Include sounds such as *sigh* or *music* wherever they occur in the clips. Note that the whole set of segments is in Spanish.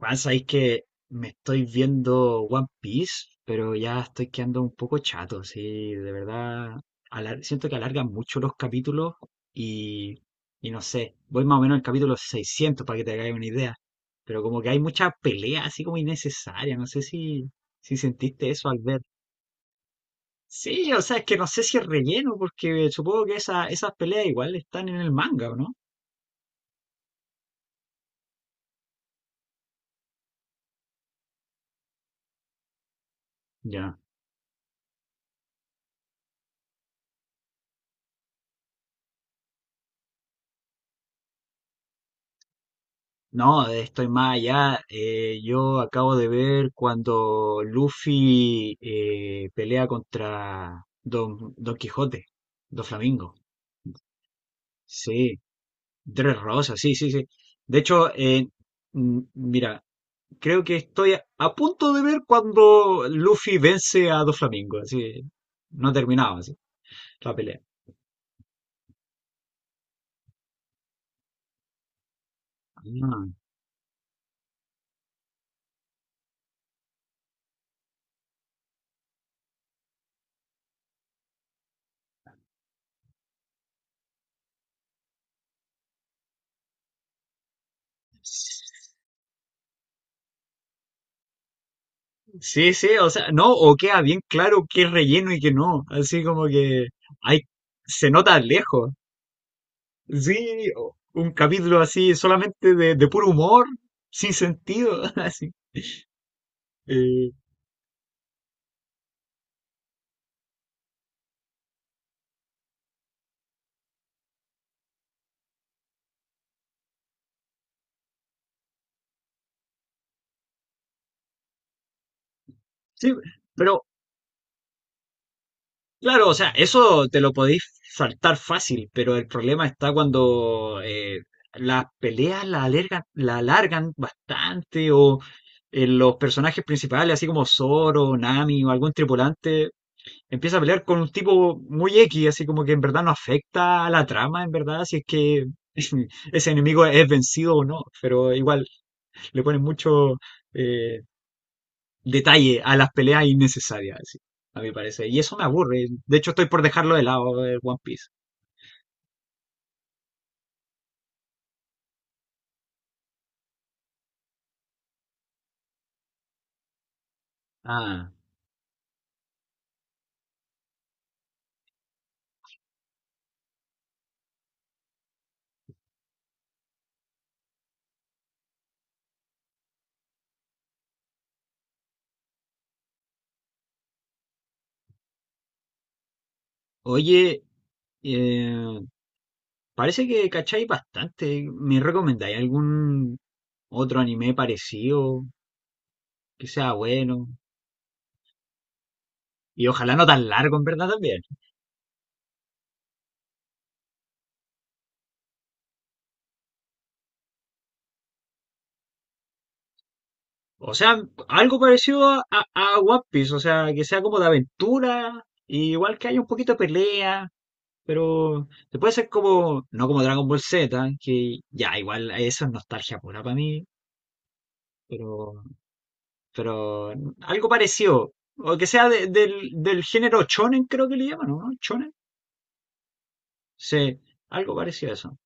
Juan, sabéis que me estoy viendo One Piece, pero ya estoy quedando un poco chato, sí, de verdad. Siento que alargan mucho los capítulos y, y no sé, voy más o menos al capítulo 600 para que te hagáis una idea, pero como que hay mucha pelea así como innecesaria, no sé si, si sentiste eso al ver. Sí, o sea, es que no sé si es relleno, porque supongo que esa, esas peleas igual están en el manga, ¿o no? Ya. No, estoy más allá. Yo acabo de ver cuando Luffy pelea contra Don, Don Quijote, Don Flamingo. Sí, Tres Rosas, sí, sí, sí. De hecho, mira, creo que estoy a punto de ver cuando Luffy vence a Don Flamingo. Así, no ha terminado así, la pelea. Ah, sí, sí, o sea, no, o queda bien claro qué es relleno y qué no. Así como que hay, se nota lejos. Sí, o- un capítulo así solamente de puro humor, sin sentido, *laughs* así. Eh, sí, pero claro, o sea, eso te lo podéis saltar fácil, pero el problema está cuando las peleas la alargan bastante o los personajes principales, así como Zoro, Nami o algún tripulante empieza a pelear con un tipo muy X, así como que en verdad no afecta a la trama, en verdad, si es que *laughs* ese enemigo es vencido o no, pero igual le ponen mucho eh, detalle a las peleas innecesarias, así, a mi parecer. Y eso me aburre, de hecho estoy por dejarlo de lado el One Piece. Ah, oye, eh, parece que cacháis bastante, ¿me recomendáis algún otro anime parecido que sea bueno? Y ojalá no tan largo, en verdad, también. O sea, algo parecido a, a One Piece, o sea, que sea como de aventura, y igual que haya un poquito de pelea, pero se puede ser como, no como Dragon Ball Z, que ya, igual eso es nostalgia pura para mí, pero, pero algo parecido, o que sea del, del género shonen, creo que le llaman, ¿no? ¿Shonen? Sí, algo parecido a eso.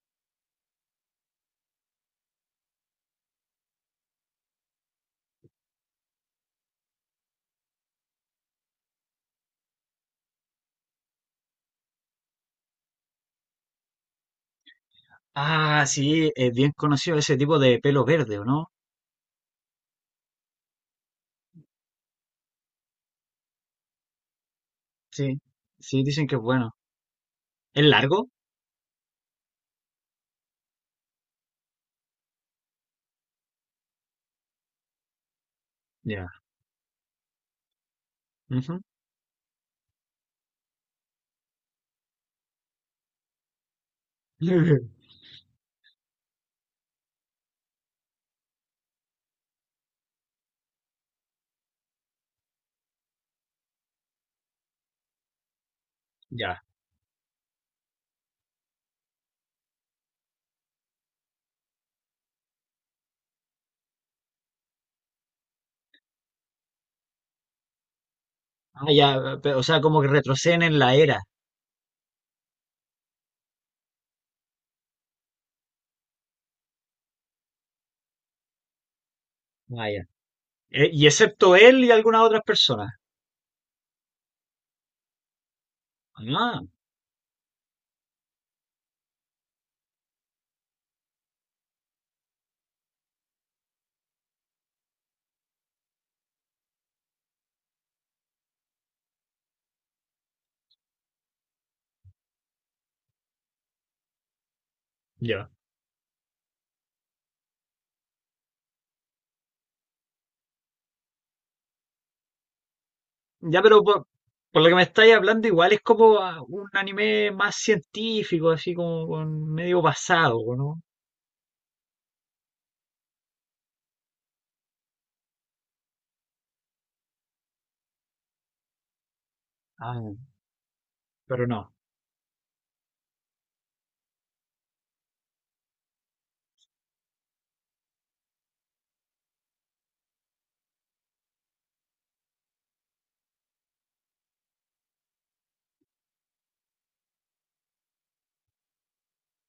Ah, sí, es bien conocido ese tipo de pelo verde, ¿o no? Sí, sí, dicen que es bueno. ¿Es largo? Ya. Ujú. *laughs* Ya. Ah, ya, pe- o sea, como que retroceden en la era. Ah, ya. Y excepto él y algunas otras personas. Ah, ya. Ya, pero por lo que me estáis hablando, igual es como ah, un anime más científico, así como con medio basado, ¿no? Ah, pero no.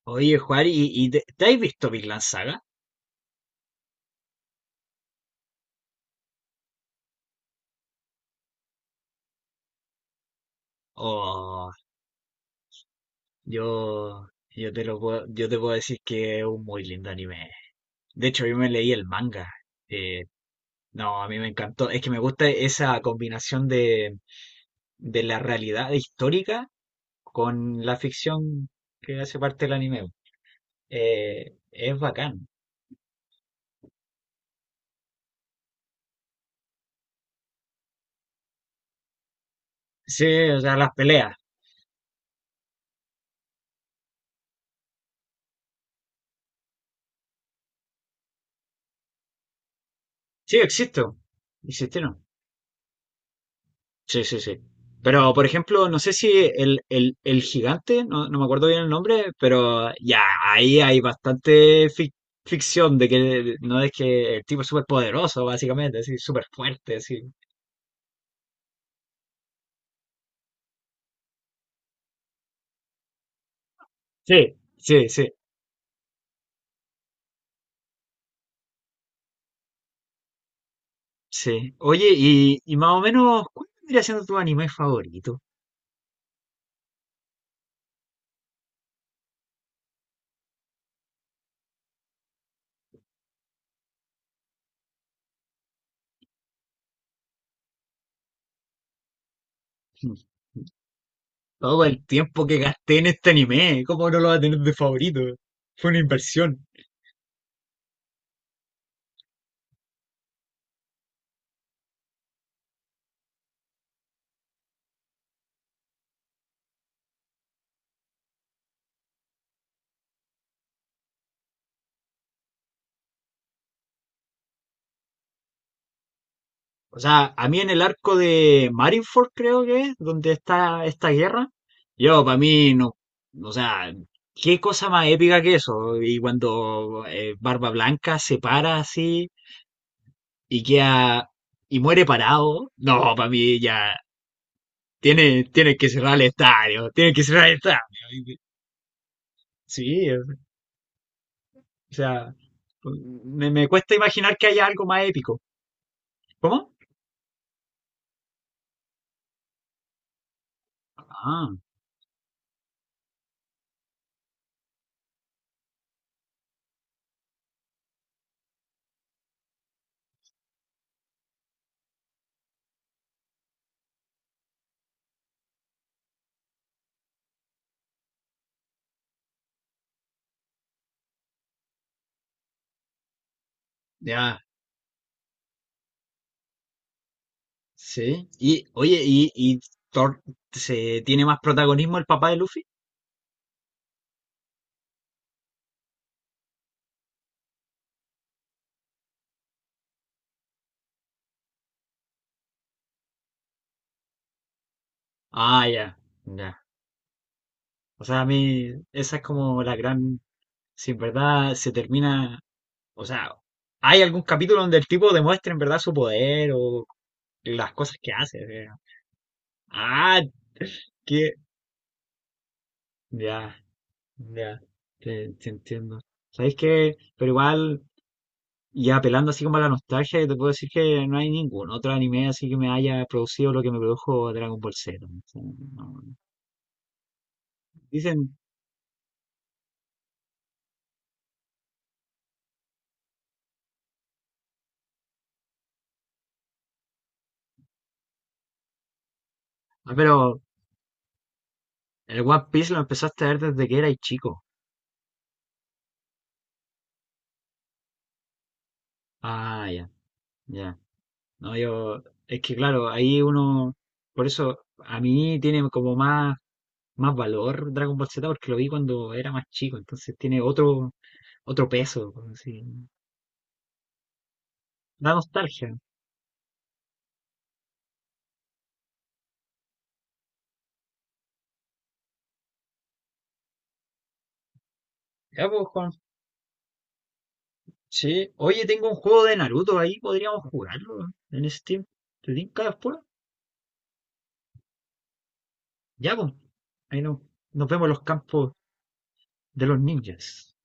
Oye, Juan, y te has visto Vinland Saga? Oh, yo te lo puedo, yo te puedo decir que es un muy lindo anime. De hecho, yo me leí el manga. Eh, no, a mí me encantó. Es que me gusta esa combinación de la realidad histórica con la ficción que hace parte del anime. Es bacán. Sí, o sea, las peleas. Sí, existo. Existieron. Sí, sí, sí. Pero, por ejemplo, no sé si el, el gigante, no, no me acuerdo bien el nombre, pero ya, ahí hay bastante ficción de que no es que el tipo es súper poderoso, básicamente, así, súper fuerte, así. Sí, sí, sí, sí. Oye, y más o menos, ¿cuál vendría siendo tu anime favorito? Todo el tiempo que gasté en este anime, ¿cómo no lo va a tener de favorito? Fue una inversión. O sea, a mí en el arco de Marineford, creo que es, donde está esta guerra, yo, para mí, no. O sea, qué cosa más épica que eso. Y cuando Barba Blanca se para así y queda, y muere parado. No, para mí ya. Tiene, tiene que cerrar el estadio, tiene que cerrar el estadio. Sí, o sea, me cuesta imaginar que haya algo más épico. ¿Cómo? Ah, ya, sí. Y, oye, y Thor se tiene más protagonismo el papá de Luffy? Ah, ya, ya. O sea, a mí esa es como la gran... Si en verdad se termina... O sea, ¿hay algún capítulo donde el tipo demuestre en verdad su poder o las cosas que hace? O sea, ah, que... Ya, ya, te entiendo. ¿Sabéis qué? Pero igual... Y apelando así como a la nostalgia, yo te puedo decir que no hay ningún otro anime así que me haya producido lo que me produjo Dragon Ball Z, ¿no? O sea, no- Dicen, ah, pero el One Piece lo empezaste a ver desde que eras chico. Ah, ya, ya. No, yo, es que claro, ahí uno, por eso a mí tiene como más, más valor Dragon Ball Z porque lo vi cuando era más chico, entonces tiene otro, otro peso, como así. Da nostalgia. Ya, pues, Juan, sí, oye, tengo un juego de Naruto ahí, podríamos jugarlo en Steam. ¿Te tinca después? Ya, pues. Ahí no, nos vemos en los campos de los ninjas.